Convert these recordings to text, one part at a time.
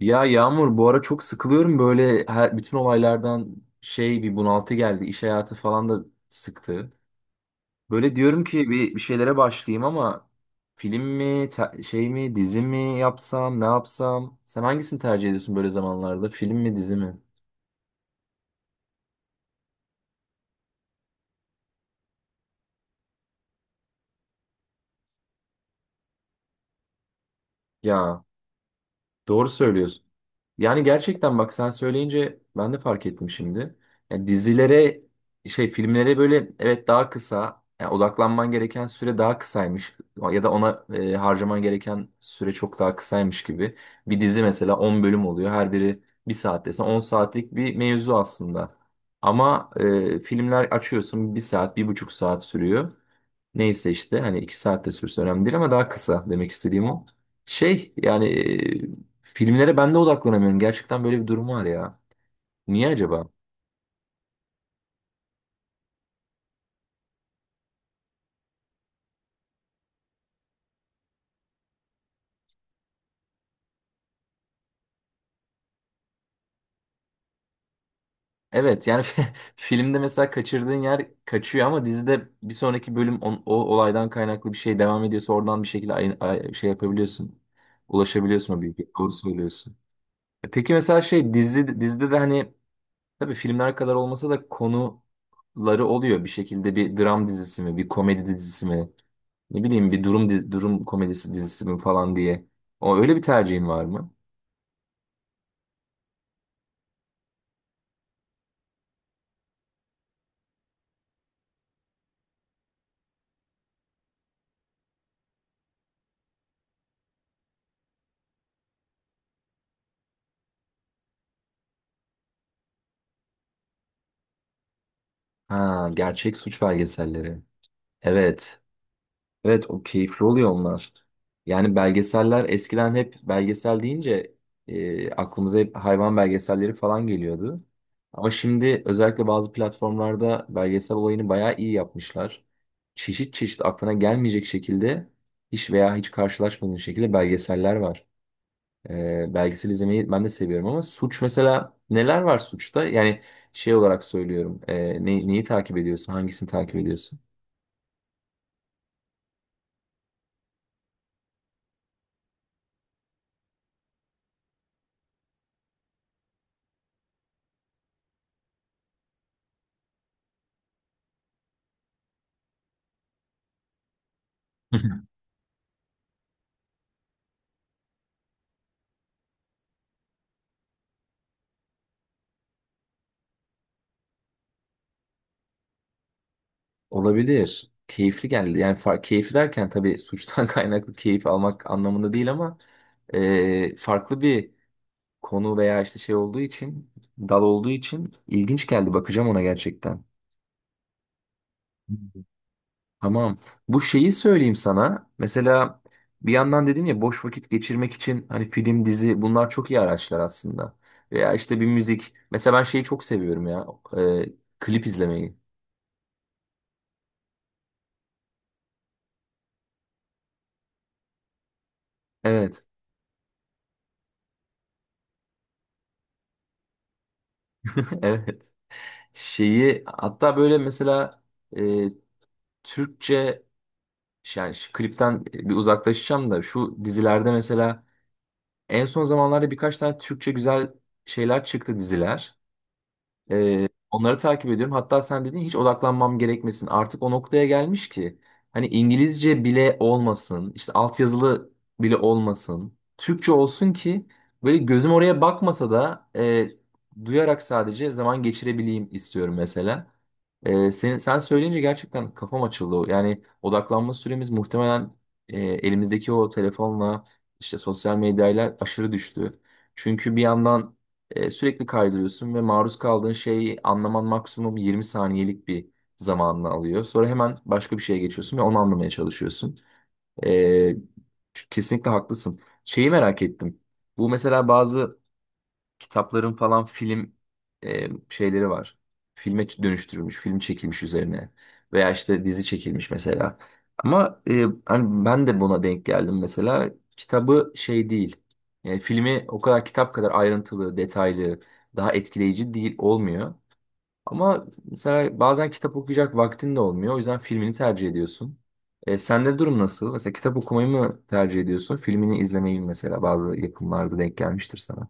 Ya Yağmur bu ara çok sıkılıyorum böyle bütün olaylardan şey bir bunaltı geldi. İş hayatı falan da sıktı. Böyle diyorum ki bir şeylere başlayayım ama film mi şey mi dizi mi yapsam ne yapsam? Sen hangisini tercih ediyorsun böyle zamanlarda film mi dizi mi? Ya doğru söylüyorsun. Yani gerçekten bak sen söyleyince ben de fark ettim şimdi. Yani dizilere şey filmlere böyle evet daha kısa, yani odaklanman gereken süre daha kısaymış ya da ona harcaman gereken süre çok daha kısaymış gibi. Bir dizi mesela 10 bölüm oluyor, her biri bir saat desen 10 saatlik bir mevzu aslında. Ama filmler açıyorsun bir saat bir buçuk saat sürüyor. Neyse işte hani iki saatte sürse önemli değil ama daha kısa demek istediğim o. Şey yani filmlere ben de odaklanamıyorum. Gerçekten böyle bir durum var ya. Niye acaba? Evet yani filmde mesela kaçırdığın yer kaçıyor ama dizide bir sonraki bölüm o olaydan kaynaklı bir şey devam ediyorsa oradan bir şekilde şey yapabiliyorsun. Ulaşabiliyorsun o bilgiye. Doğru söylüyorsun. E peki mesela şey dizide de hani tabii filmler kadar olmasa da konuları oluyor bir şekilde. Bir dram dizisi mi, bir komedi dizisi mi, ne bileyim bir durum komedisi dizisi mi falan diye. O öyle bir tercihin var mı? Ha, gerçek suç belgeselleri. Evet. Evet, o keyifli oluyor onlar. Yani belgeseller eskiden, hep belgesel deyince aklımıza hep hayvan belgeselleri falan geliyordu. Ama şimdi özellikle bazı platformlarda belgesel olayını bayağı iyi yapmışlar. Çeşit çeşit aklına gelmeyecek şekilde, hiç veya hiç karşılaşmadığın şekilde belgeseller var. Belgesel izlemeyi ben de seviyorum ama suç mesela neler var suçta? Yani şey olarak söylüyorum. Neyi takip ediyorsun? Hangisini takip ediyorsun? Olabilir. Keyifli geldi. Yani keyifli derken tabii suçtan kaynaklı keyif almak anlamında değil ama farklı bir konu veya işte şey olduğu için, dal olduğu için ilginç geldi. Bakacağım ona gerçekten. Tamam. Bu şeyi söyleyeyim sana. Mesela bir yandan dedim ya, boş vakit geçirmek için hani film, dizi bunlar çok iyi araçlar aslında. Veya işte bir müzik. Mesela ben şeyi çok seviyorum ya. e, Klip izlemeyi. Evet. Evet. Şeyi hatta böyle mesela e, Türkçe şey, yani şu klipten bir uzaklaşacağım da şu dizilerde mesela en son zamanlarda birkaç tane Türkçe güzel şeyler çıktı diziler. Onları takip ediyorum. Hatta sen dedin hiç odaklanmam gerekmesin. Artık o noktaya gelmiş ki hani İngilizce bile olmasın, işte altyazılı bile olmasın. Türkçe olsun ki böyle gözüm oraya bakmasa da duyarak sadece zaman geçirebileyim istiyorum mesela. Sen söyleyince gerçekten kafam açıldı. Yani odaklanma süremiz muhtemelen elimizdeki o telefonla, işte sosyal medyayla aşırı düştü. Çünkü bir yandan sürekli kaydırıyorsun ve maruz kaldığın şeyi anlaman maksimum 20 saniyelik bir zamanını alıyor. Sonra hemen başka bir şeye geçiyorsun ve onu anlamaya çalışıyorsun. E, Kesinlikle haklısın. Şeyi merak ettim. Bu mesela bazı kitapların falan film şeyleri var. Filme dönüştürülmüş, film çekilmiş üzerine veya işte dizi çekilmiş mesela. Ama hani ben de buna denk geldim mesela. Kitabı şey değil. Filmi o kadar kitap kadar ayrıntılı, detaylı, daha etkileyici değil, olmuyor. Ama mesela bazen kitap okuyacak vaktin de olmuyor. O yüzden filmini tercih ediyorsun. Sende durum nasıl? Mesela kitap okumayı mı tercih ediyorsun? Filmini izlemeyi mi? Mesela bazı yapımlarda denk gelmiştir sana.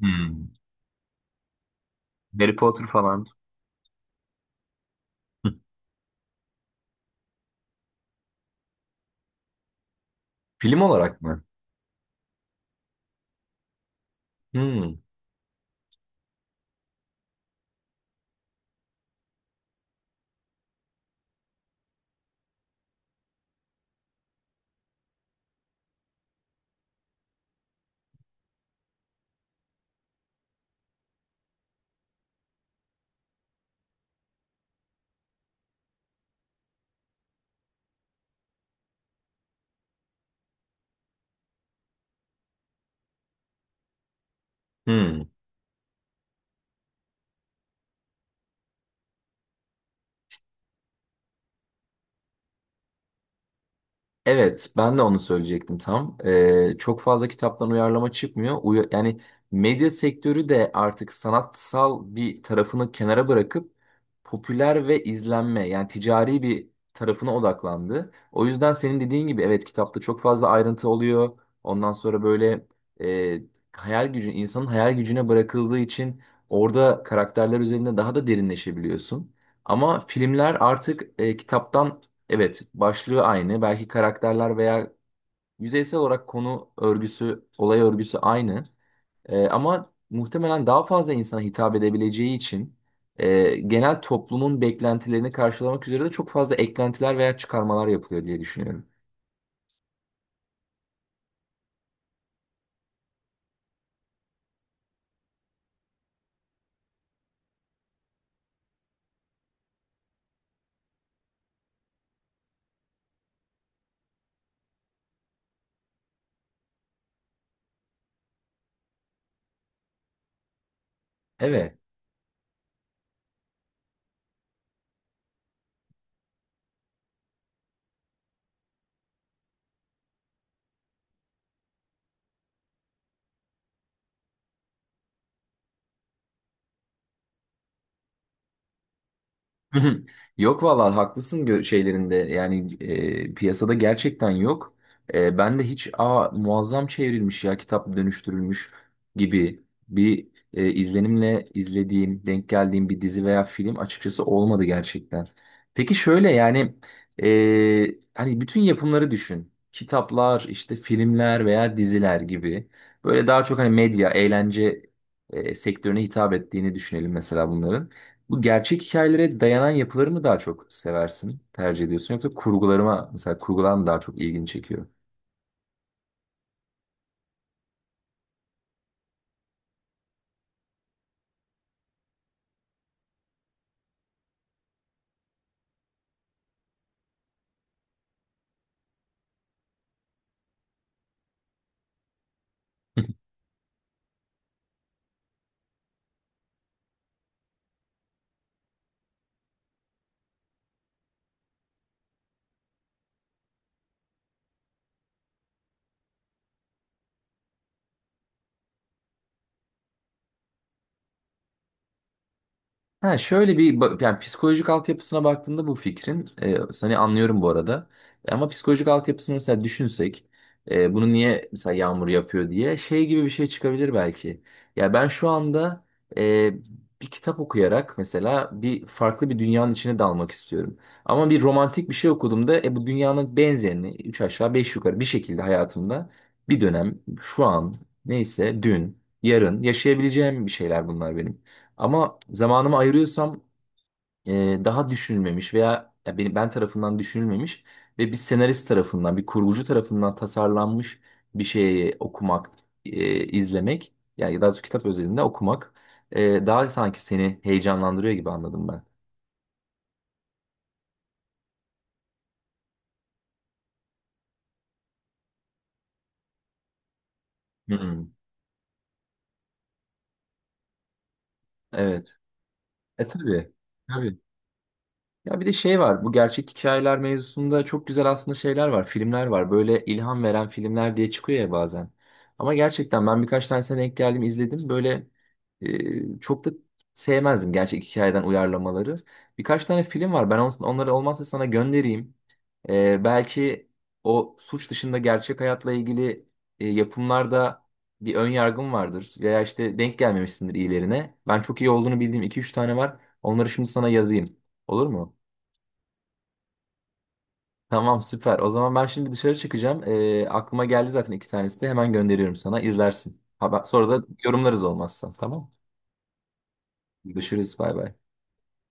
Hmm. Harry Potter falan. Hı. Film olarak mı? Hmm. Hmm. Evet, ben de onu söyleyecektim tam. Çok fazla kitaptan uyarlama çıkmıyor. Yani medya sektörü de artık sanatsal bir tarafını kenara bırakıp popüler ve izlenme, yani ticari bir tarafına odaklandı. O yüzden senin dediğin gibi, evet, kitapta çok fazla ayrıntı oluyor. Ondan sonra böyle e, hayal gücü, insanın hayal gücüne bırakıldığı için orada karakterler üzerinde daha da derinleşebiliyorsun. Ama filmler artık kitaptan evet, başlığı aynı. Belki karakterler veya yüzeysel olarak konu örgüsü, olay örgüsü aynı. Ama muhtemelen daha fazla insana hitap edebileceği için genel toplumun beklentilerini karşılamak üzere de çok fazla eklentiler veya çıkarmalar yapılıyor diye düşünüyorum. Evet. Hı hı. Yok vallahi haklısın. Şeylerinde yani piyasada gerçekten yok. Ben de hiç, aa, muazzam çevrilmiş ya kitap dönüştürülmüş gibi bir izlenimle izlediğim, denk geldiğim bir dizi veya film açıkçası olmadı gerçekten. Peki şöyle, yani hani bütün yapımları düşün. Kitaplar, işte filmler veya diziler gibi. Böyle daha çok hani medya, eğlence sektörüne hitap ettiğini düşünelim mesela bunların. Bu gerçek hikayelere dayanan yapıları mı daha çok seversin, tercih ediyorsun, yoksa kurgularıma, mesela kurgular mı daha çok ilgini çekiyor? Ha şöyle bir yani psikolojik altyapısına baktığında bu fikrin, seni anlıyorum bu arada. Ama psikolojik altyapısını mesela düşünsek bunu niye mesela yağmur yapıyor diye şey gibi bir şey çıkabilir belki. Ya ben şu anda e, bir kitap okuyarak mesela bir farklı bir dünyanın içine dalmak istiyorum. Ama bir romantik bir şey okuduğumda bu dünyanın benzerini üç aşağı beş yukarı bir şekilde hayatımda bir dönem, şu an neyse, dün yarın yaşayabileceğim bir şeyler bunlar benim. Ama zamanımı ayırıyorsam daha düşünülmemiş veya ya ben tarafından düşünülmemiş ve bir senarist tarafından, bir kurgucu tarafından tasarlanmış bir şeyi okumak, izlemek, yani ya daha doğrusu kitap özelinde okumak daha sanki seni heyecanlandırıyor gibi anladım ben. Hı hı. Evet. E tabii. Tabii. Ya bir de şey var. Bu gerçek hikayeler mevzusunda çok güzel aslında şeyler var. Filmler var. Böyle ilham veren filmler diye çıkıyor ya bazen. Ama gerçekten ben birkaç tanesine denk geldim, izledim. Böyle çok da sevmezdim gerçek hikayeden uyarlamaları. Birkaç tane film var. Ben onları olmazsa sana göndereyim. Belki o suç dışında gerçek hayatla ilgili yapımlarda bir ön yargım vardır. Veya işte denk gelmemişsindir iyilerine. Ben çok iyi olduğunu bildiğim iki üç tane var. Onları şimdi sana yazayım. Olur mu? Tamam, süper. O zaman ben şimdi dışarı çıkacağım. Aklıma geldi zaten iki tanesi de. Hemen gönderiyorum sana. İzlersin. Haber, sonra da yorumlarız olmazsa. Tamam. Görüşürüz. Bay bay.